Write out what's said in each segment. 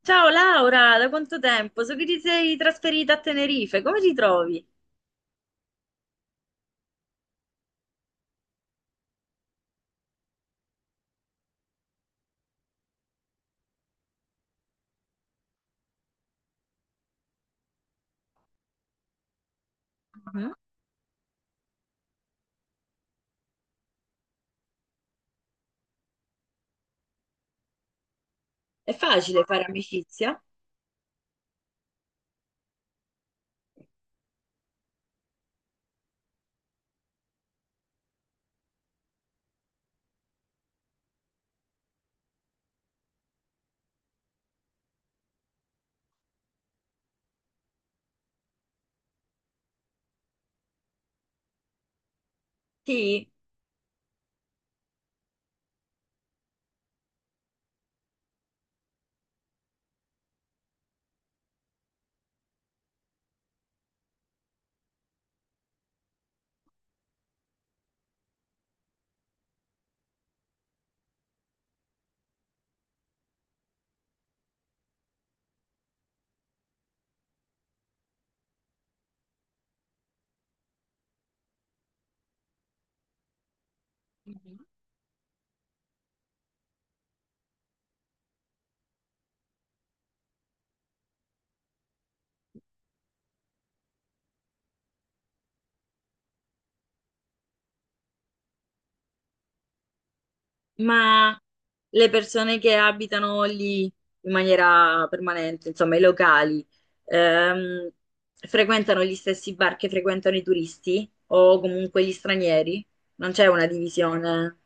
Ciao Laura, da quanto tempo? So che ti sei trasferita a Tenerife, come ti trovi? Mhm. È facile fare amicizia? Sì. Mhm. Ma le persone che abitano lì in maniera permanente, insomma i locali, ehm, frequentano gli stessi bar che frequentano i turisti o comunque gli stranieri? Non c'è una divisione?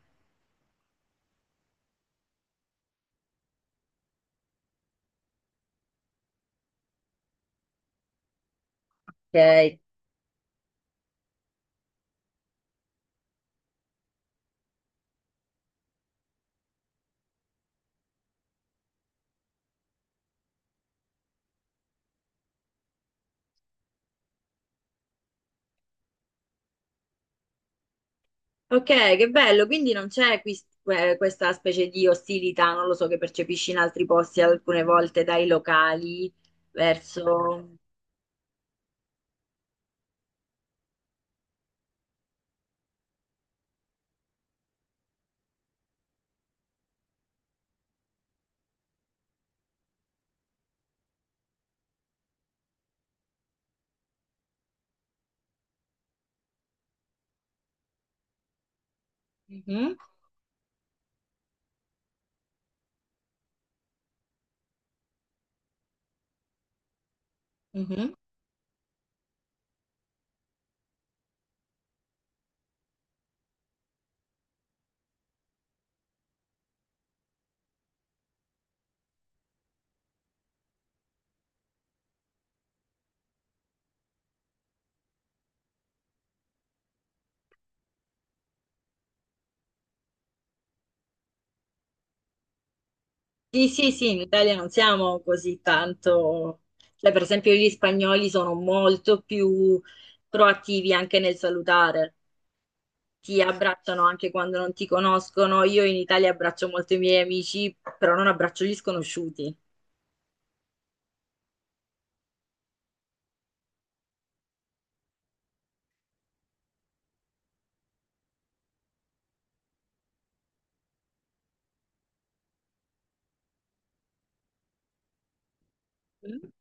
Ok. Ok, che bello, quindi non c'è questa specie di ostilità, non lo so, che percepisci in altri posti alcune volte dai locali verso... Mhm, mhm. Sì, sì, sì, in Italia non siamo così tanto... Cioè, per esempio, gli spagnoli sono molto più proattivi anche nel salutare, ti abbracciano anche quando non ti conoscono. Io in Italia abbraccio molto i miei amici, però non abbraccio gli sconosciuti. Mhm.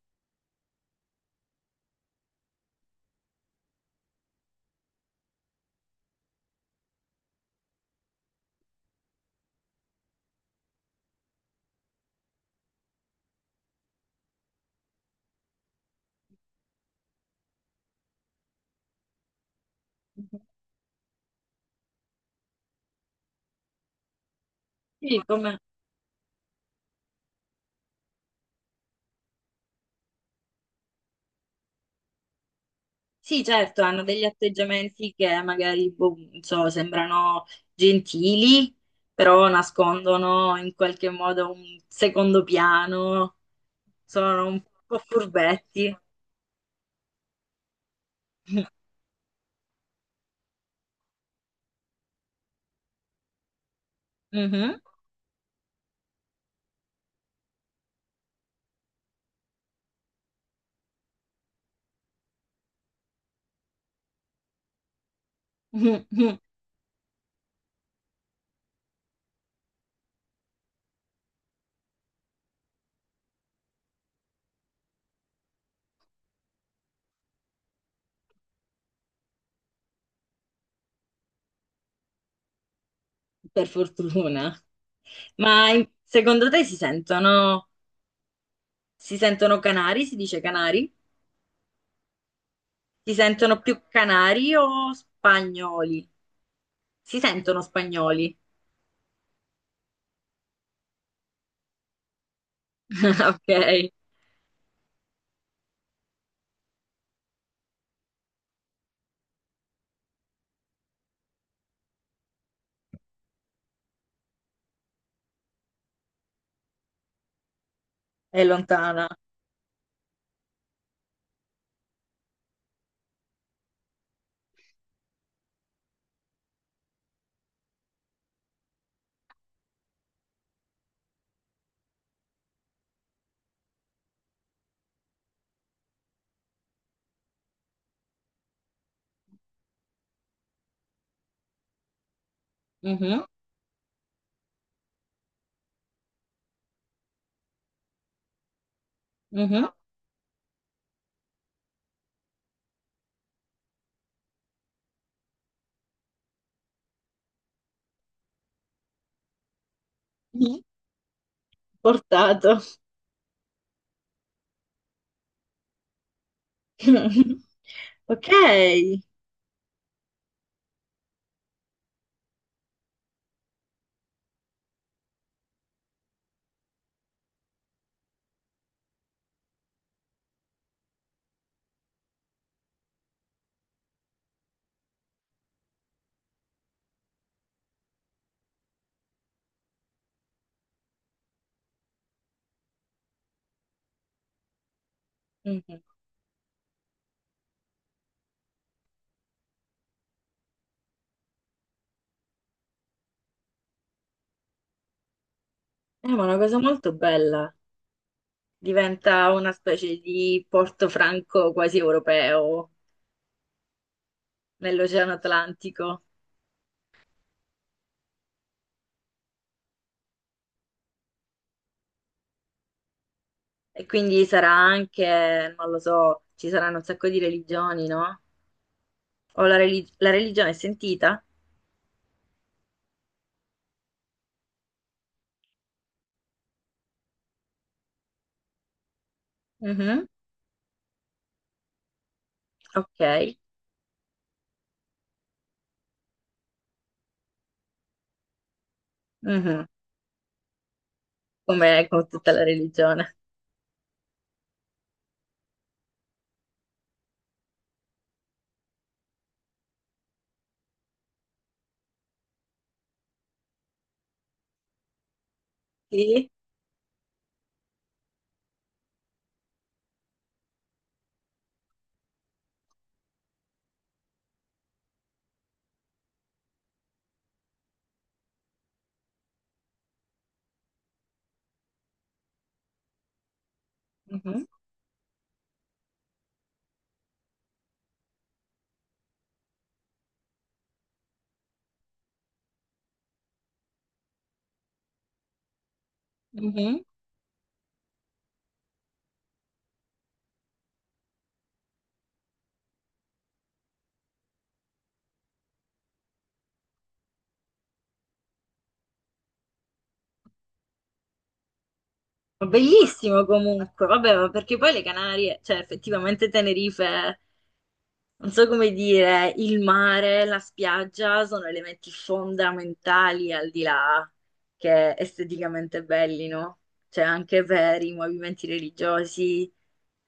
Sì, come... Sì, certo, hanno degli atteggiamenti che magari, boh, non so, sembrano gentili, però nascondono in qualche modo un secondo piano, sono un po' furbetti. Mhm. Per fortuna. Ma in- secondo te si sentono canari? Si dice canari? Si sentono più canari o spagnoli? Si sentono spagnoli. Ok, è lontana. Mhm, mhm. Portato. Ok. Mhm. Ma è una cosa molto bella. Diventa una specie di porto franco quasi europeo nell'Oceano Atlantico. E quindi sarà anche, non lo so, ci saranno un sacco di religioni, no? O la, la religione è sentita? Mhm. Ok. Mhm. Come con tutta la religione. Sì. Mhm. Mhm. Bellissimo comunque, vabbè, ma perché poi le Canarie, cioè effettivamente Tenerife, non so come dire, il mare, la spiaggia sono elementi fondamentali al di là che esteticamente belli, no? Cioè anche per i movimenti religiosi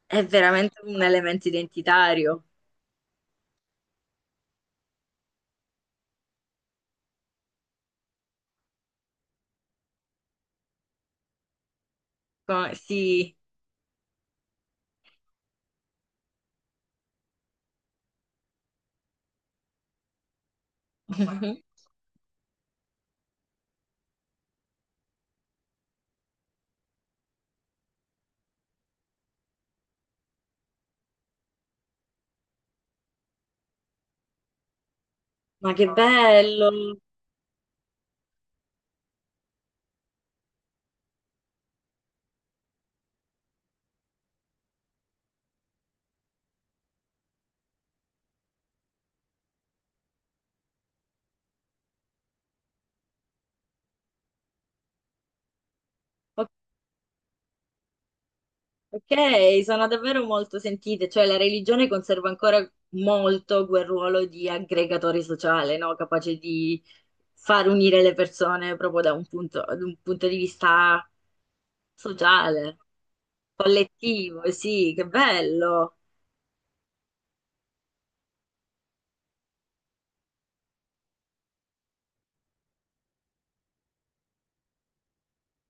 è veramente un elemento identitario. Co- Sì, ma che bello! Ho Ok, sono davvero molto sentite, cioè la religione conserva ancora molto quel ruolo di aggregatore sociale, no? Capace di far unire le persone proprio da un punto di vista sociale, collettivo, sì, che bello.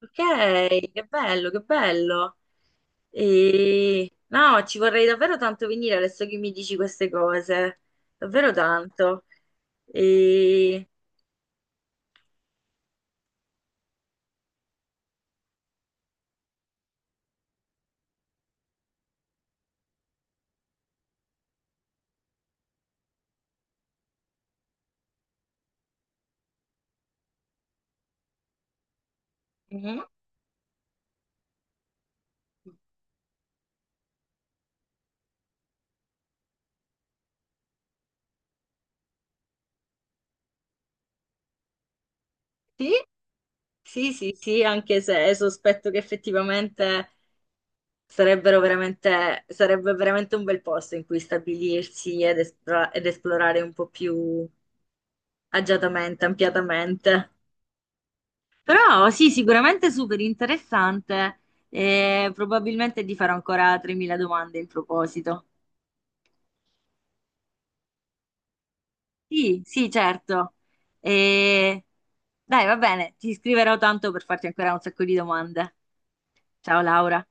Ok, che bello, che bello. E... No, ci vorrei davvero tanto venire adesso che mi dici queste cose, davvero tanto. E... Mhm. Sì? Sì, sì, sì, anche se sospetto che effettivamente sarebbero veramente, sarebbe veramente un bel posto in cui stabilirsi ed, ed esplorare un po' più agiatamente, ampiatamente. Però sì, sicuramente super interessante e probabilmente ti farò ancora 3.000 domande in proposito. Sì, sì, certo. E... Dai, va bene, ti scriverò tanto per farti ancora un sacco di domande. Ciao Laura.